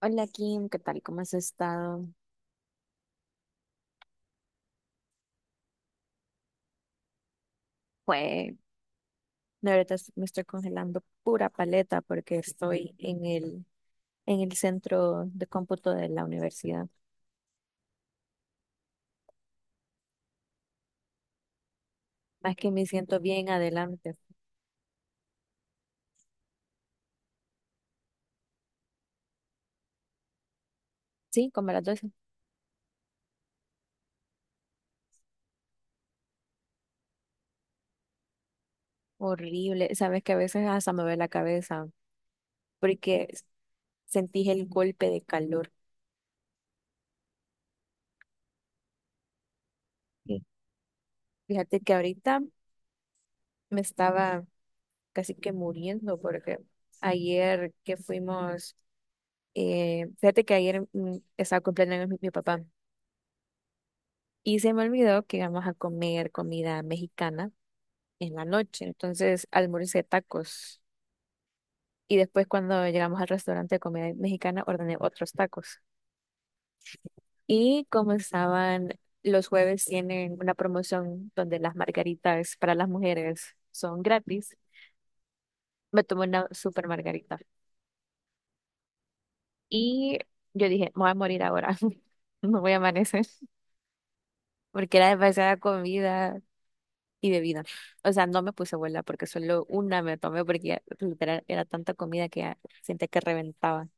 Hola Kim, ¿qué tal? ¿Cómo has estado? Fue, de verdad me estoy congelando pura paleta porque estoy en el centro de cómputo de la universidad. Más que me siento bien adelante. Sí, como a las 12. Horrible. Sabes que a veces hasta me duele la cabeza porque sentí el golpe de calor. Sí. Fíjate que ahorita me estaba casi que muriendo porque ayer que fuimos, fíjate que ayer estaba cumpliendo años mi papá. Y se me olvidó que íbamos a comer comida mexicana en la noche. Entonces almorcé tacos. Y después cuando llegamos al restaurante de comida mexicana, ordené otros tacos. Los jueves tienen una promoción donde las margaritas para las mujeres son gratis. Me tomé una super margarita. Y yo dije, me voy a morir ahora. No voy a amanecer. Porque era demasiada comida y bebida. O sea, no me puse abuela porque solo una me tomé porque ya, literal, era tanta comida que ya sentía que reventaba.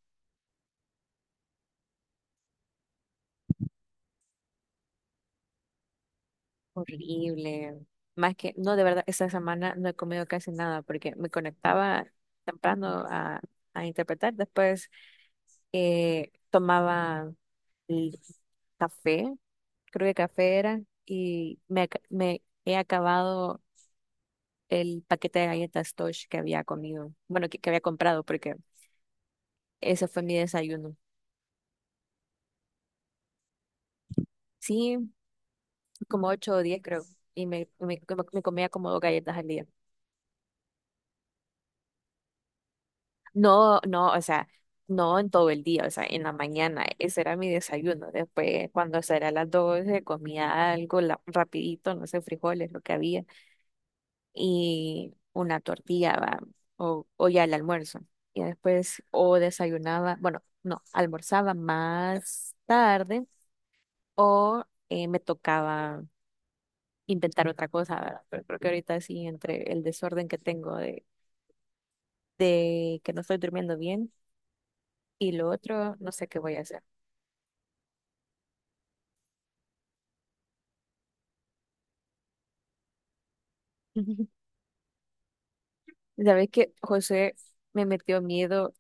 Horrible. Más que, no, de verdad, esta semana no he comido casi nada porque me conectaba temprano a interpretar. Después tomaba el café, creo que café era, y me he acabado el paquete de galletas Tosh que había comido, bueno, que había comprado porque ese fue mi desayuno. Sí, como 8 o 10, creo. Y me comía como dos galletas al día. No, no, o sea, no en todo el día, o sea, en la mañana. Ese era mi desayuno. Después, cuando será las 12, comía algo rapidito, no sé, frijoles, lo que había. Y una tortilla, va, o ya el almuerzo. Y después, o desayunaba, bueno, no, almorzaba más tarde o me tocaba inventar otra cosa, ¿verdad? Pero creo que ahorita sí, entre el desorden que tengo de que no estoy durmiendo bien y lo otro, no sé qué voy a hacer. Sabes que José me metió miedo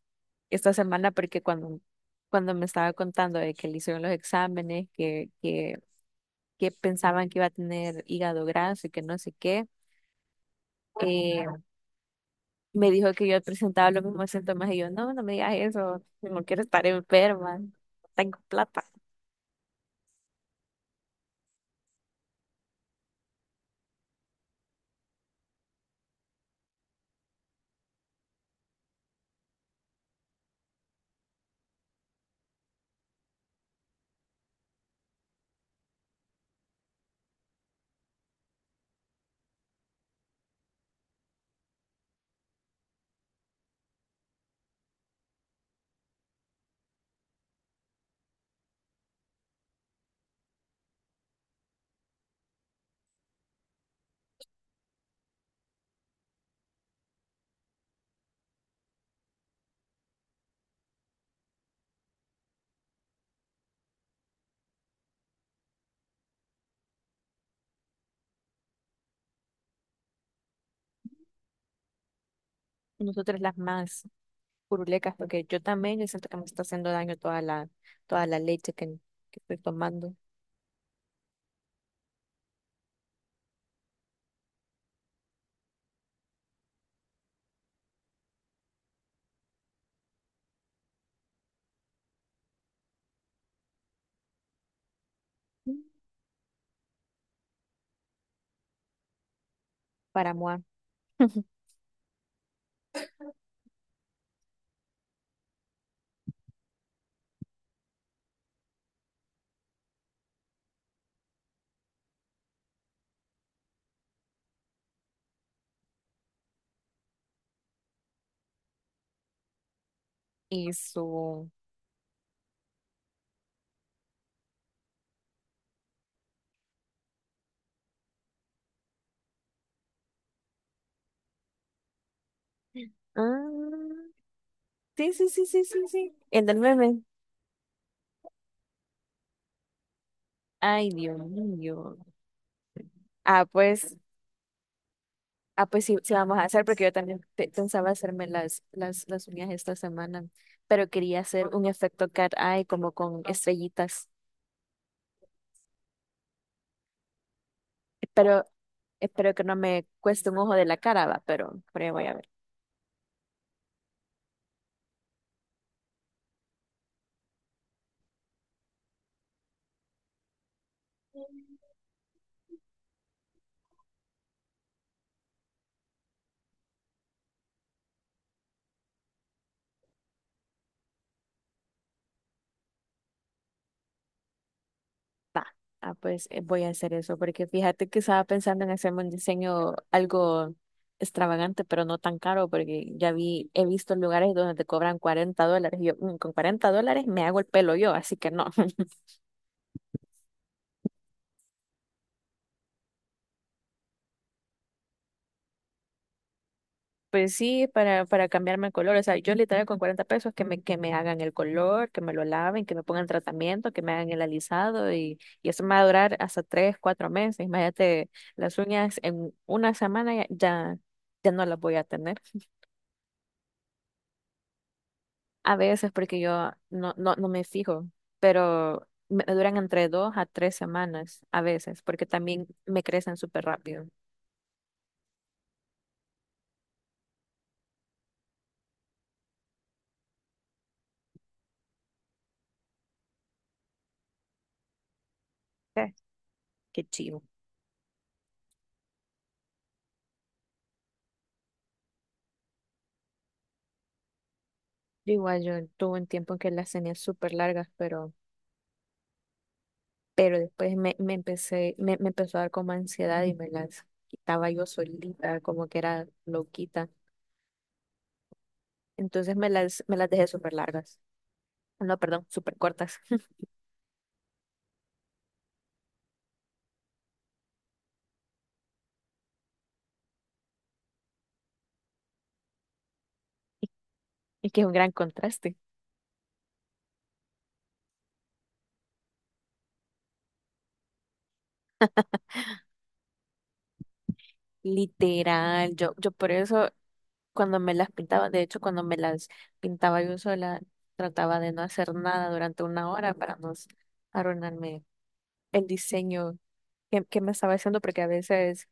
esta semana porque cuando me estaba contando de que le hicieron los exámenes, que pensaban que iba a tener hígado graso y que no sé qué, eh, me dijo que yo presentaba los mismos síntomas y yo, no, no me digas eso, si no quiero estar enferma, no tengo plata. Nosotros las más. Purulecas, porque yo también yo siento que me está haciendo daño toda la leche que estoy tomando para moar. Y su... Ah, sí, sí, sí, sí, sí, sí. El del meme. Ay, Dios mío. Ah, pues, ah, pues, sí, sí, vamos a hacer, porque yo también pensaba hacerme las uñas esta semana, pero quería hacer un efecto cat eye como con estrellitas. Espero, espero que no me cueste un ojo de la cara, va, pero ya voy a ver. Ah, pues voy a hacer eso, porque fíjate que estaba pensando en hacerme un diseño algo extravagante, pero no tan caro, porque he visto lugares donde te cobran 40 dólares. Y yo, "Mm, con 40 dólares me hago el pelo yo, así que no". Pues sí, para cambiarme el color. O sea, yo, literal, con 40 pesos que me hagan el color, que me lo laven, que me pongan tratamiento, que me hagan el alisado y eso me va a durar hasta 3 4 meses. Imagínate, las uñas en una semana ya no las voy a tener. A veces porque yo no me fijo, pero me duran entre 2 a 3 semanas a veces, porque también me crecen súper rápido. Sí. Qué chido. Yo Igual yo tuve un tiempo en que las tenía súper largas, pero, después me empezó a dar como ansiedad y me las quitaba yo solita, como que era loquita. Entonces me las dejé súper largas. No, perdón, súper cortas. Es que es un gran contraste. Literal, yo por eso cuando me las pintaba, de hecho, cuando me las pintaba yo sola, trataba de no hacer nada durante una hora para no arruinarme el diseño que me estaba haciendo, porque a veces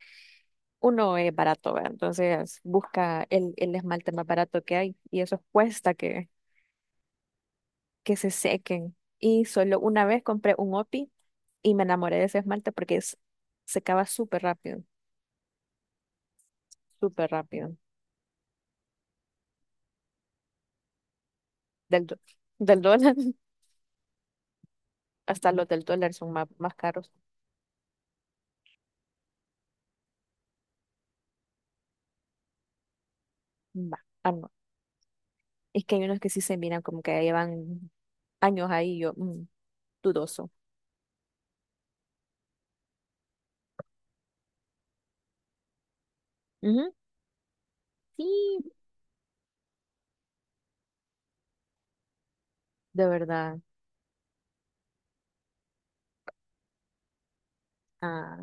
uno es barato, ¿verdad? Entonces busca el esmalte más barato que hay y eso cuesta que se sequen. Y solo una vez compré un OPI y me enamoré de ese esmalte porque secaba súper rápido, súper rápido. Del, do- del dólar. Hasta los del dólar son más caros. Va. Es que hay unos que sí se miran como que llevan años ahí, yo, dudoso. Ujú, sí, de verdad. Ah,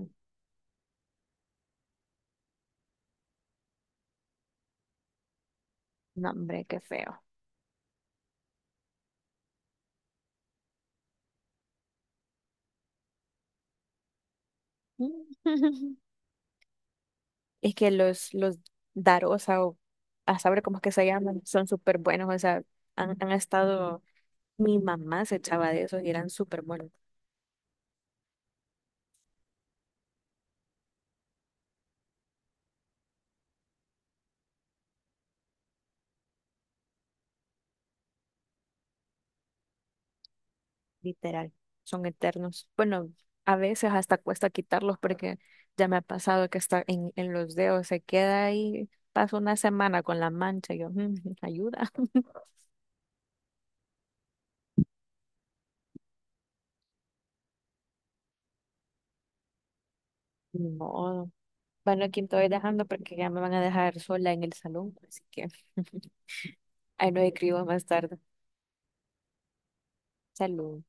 no, hombre, qué feo. Es que los Darosa, o a saber cómo es que se llaman, son súper buenos, o sea, han estado, mi mamá se echaba de esos y eran súper buenos. Literal, son eternos. Bueno, a veces hasta cuesta quitarlos porque ya me ha pasado que está en los dedos, se queda ahí, paso una semana con la mancha, yo, "Mm, ayuda". Ni modo. Bueno, aquí te voy dejando porque ya me van a dejar sola en el salón, así que ahí nos escribo más tarde. Salud.